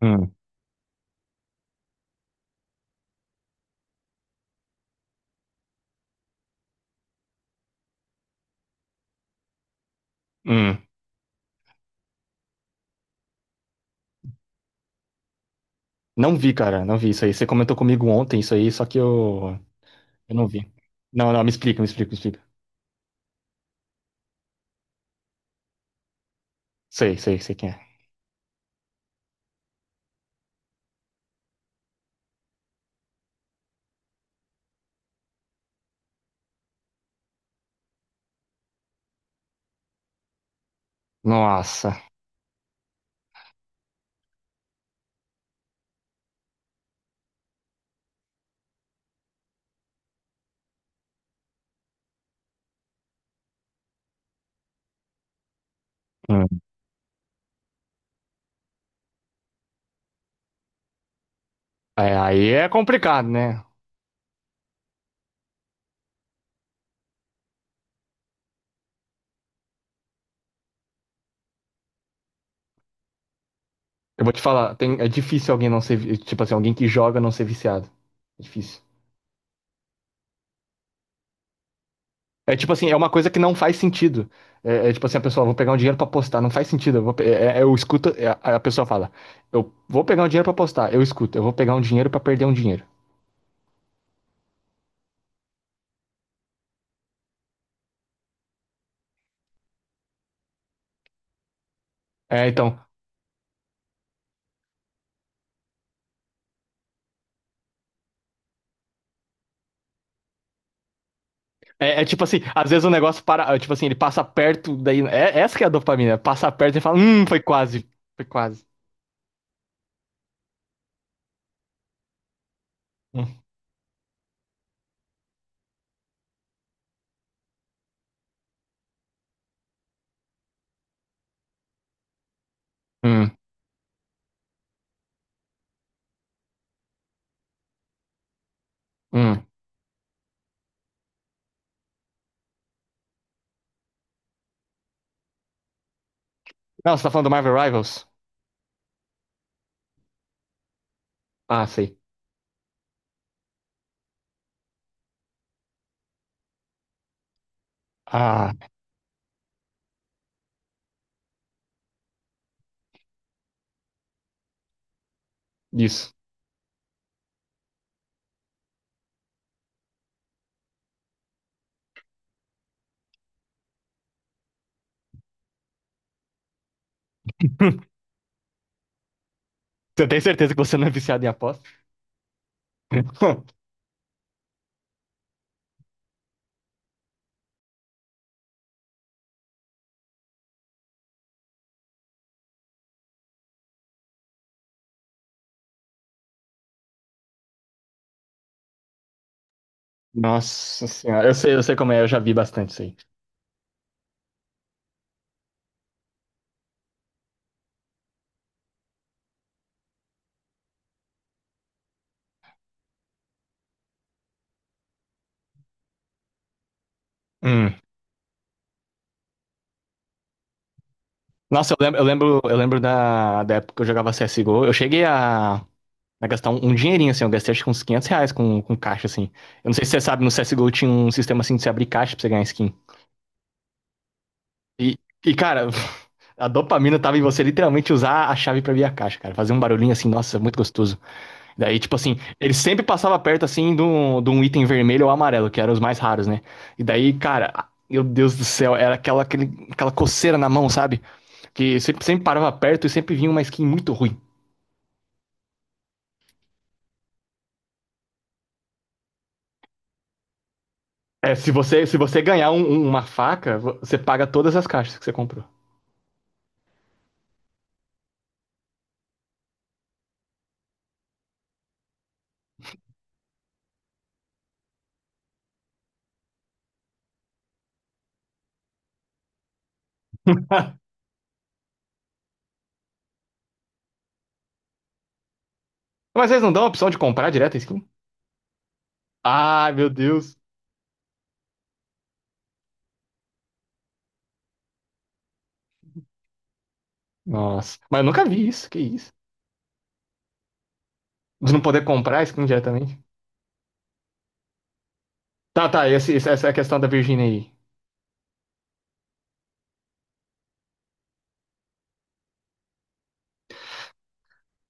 Hum, hum. Não vi, cara, não vi isso aí. Você comentou comigo ontem isso aí, só que eu não vi. Não, não, me explica, me explica, me explica. Sei, sei, sei quem é. Nossa. Hum. É, aí é complicado, né? Eu vou te falar, é difícil alguém não ser, tipo assim, alguém que joga não ser viciado. É difícil. É tipo assim, é uma coisa que não faz sentido. É, é tipo assim, a pessoa, vou pegar um dinheiro pra apostar, não faz sentido. Eu, vou pe- é- é- eu escuto, é, a pessoa fala, eu vou pegar um dinheiro pra apostar, eu escuto, eu vou pegar um dinheiro pra perder um dinheiro. É, então, é, é tipo assim, às vezes o negócio para, é, tipo assim, ele passa perto, daí. É, essa que é a dopamina. Passa perto e fala, foi quase. Foi quase. Hum, hum, hum. Não, você tá falando do Marvel Rivals? Ah, sei. Ah, isso. Você tem certeza que você não é viciado em aposta? Nossa senhora, eu sei como é, eu já vi bastante isso aí. Hum. Nossa, eu lembro, eu lembro, eu lembro da, da época que eu jogava CSGO, eu cheguei a gastar um, um dinheirinho, assim, eu gastei acho que uns 500 reais com caixa, assim. Eu não sei se você sabe, no CSGO tinha um sistema assim de você abrir caixa pra você ganhar skin. E, cara, a dopamina tava em você literalmente usar a chave pra abrir a caixa, cara. Fazer um barulhinho assim, nossa, muito gostoso. Daí, tipo assim, ele sempre passava perto, assim, de um item vermelho ou amarelo, que eram os mais raros, né? E daí, cara, ah, meu Deus do céu, era aquela, aquele, aquela coceira na mão, sabe? Que sempre, sempre parava perto e sempre vinha uma skin muito ruim. É, se você, se você ganhar uma faca, você paga todas as caixas que você comprou. Mas eles não dão a opção de comprar direto a skin? Ah, meu Deus. Nossa, mas eu nunca vi isso, que isso. De não poder comprar a skin diretamente? Tá, tá, essa é a questão da Virginia aí.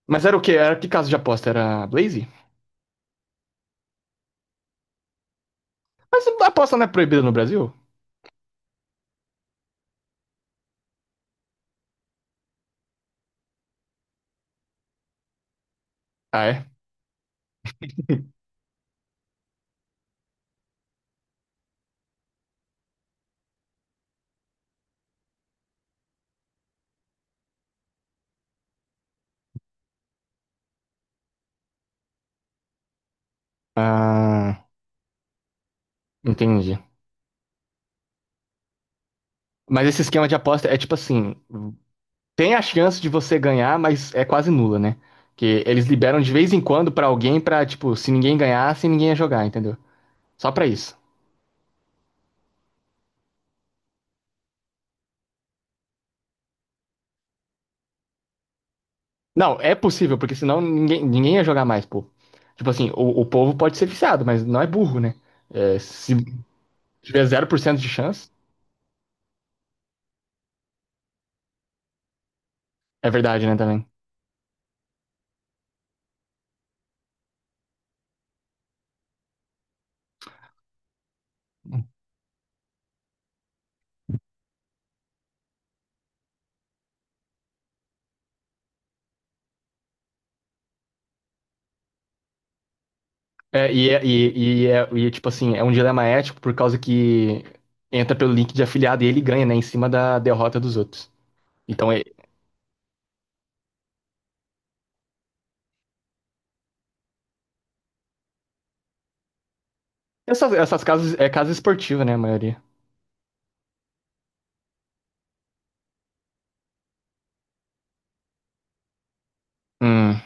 Mas era o quê? Era que caso de aposta? Era Blaze? Mas a aposta não é proibida no Brasil? Ah, é? Ah, entendi. Mas esse esquema de aposta é tipo assim: tem a chance de você ganhar, mas é quase nula, né? Que eles liberam de vez em quando pra alguém pra, tipo, se ninguém ganhasse, ninguém ia jogar, entendeu? Só pra isso. Não, é possível, porque senão ninguém ia jogar mais, pô. Tipo assim, o povo pode ser viciado, mas não é burro, né? É, se se tiver 0% de chance, é verdade, né, também. É, tipo assim, é um dilema ético por causa que entra pelo link de afiliado e ele ganha, né, em cima da derrota dos outros. Então, é, essas, essas casas, é casa esportiva, né, a maioria. Hum.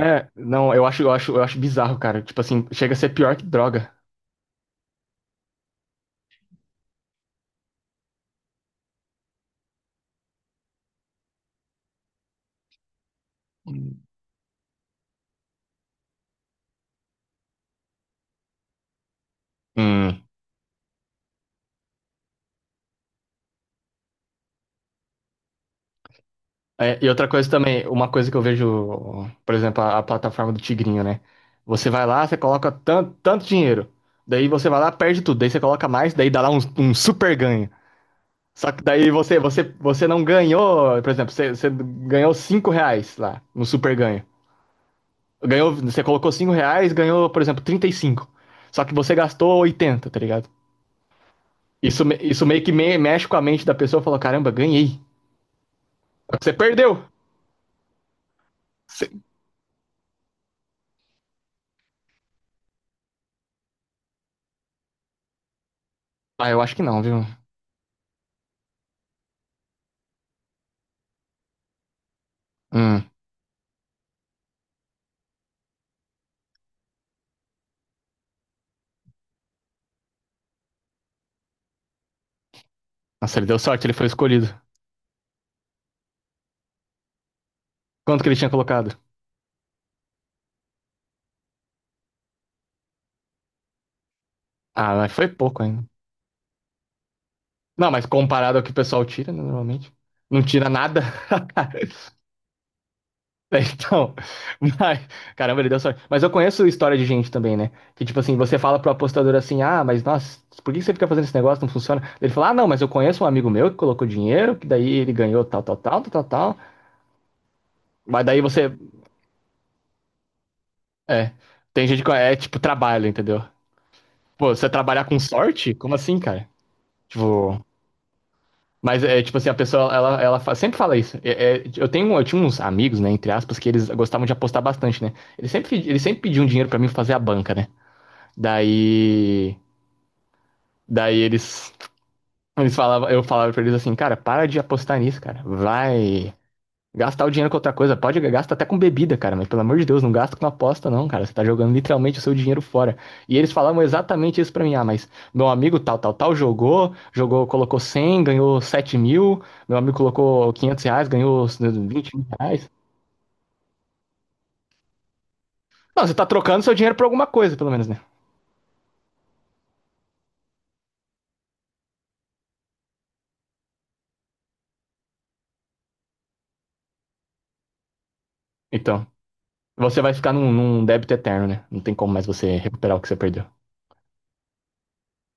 É, não, eu acho, eu acho, eu acho bizarro, cara. Tipo assim, chega a ser pior que droga. Hum. É, e outra coisa também, uma coisa que eu vejo, por exemplo, a plataforma do Tigrinho, né? Você vai lá, você coloca tanto, tanto dinheiro, daí você vai lá, perde tudo, daí você coloca mais, daí dá lá um, um super ganho. Só que daí você não ganhou, por exemplo, você ganhou 5 reais lá no super ganho. Ganhou, você colocou 5 reais, ganhou, por exemplo, 35. Só que você gastou 80, tá ligado? Isso, isso meio que mexe com a mente da pessoa e fala, caramba, ganhei. Só que você perdeu. Você- Ah, eu acho que não, viu? Hum. Nossa, ele deu sorte, ele foi escolhido. Quanto que ele tinha colocado? Ah, mas foi pouco ainda. Não, mas comparado ao que o pessoal tira, né, normalmente. Não tira nada. Então, mas, caramba, ele deu sorte. Mas eu conheço história de gente também, né? Que tipo assim, você fala pro apostador assim: ah, mas nossa, por que você fica fazendo esse negócio? Não funciona. Ele fala: ah, não, mas eu conheço um amigo meu que colocou dinheiro, que daí ele ganhou tal, tal, tal, tal, tal. Tal." Mas daí você. É. Tem gente que é tipo trabalho, entendeu? Pô, você trabalhar com sorte? Como assim, cara? Tipo. Mas é tipo assim, a pessoa, ela sempre fala isso. Eu tenho, eu tinha uns amigos, né, entre aspas, que eles gostavam de apostar bastante, né? Eles sempre pediam dinheiro pra mim fazer a banca, né? Daí, daí eles, eles falavam, eu falava pra eles assim, cara, para de apostar nisso, cara. Vai, gastar o dinheiro com outra coisa, pode gastar até com bebida, cara, mas pelo amor de Deus, não gasta com aposta, não, cara. Você tá jogando literalmente o seu dinheiro fora. E eles falavam exatamente isso pra mim. Ah, mas meu amigo tal, tal, tal jogou, jogou, colocou 100 ganhou 7 mil. Meu amigo colocou 500 reais, ganhou 20 mil reais. Não, você tá trocando seu dinheiro por alguma coisa, pelo menos, né? Então, você vai ficar num, num débito eterno, né? Não tem como mais você recuperar o que você perdeu.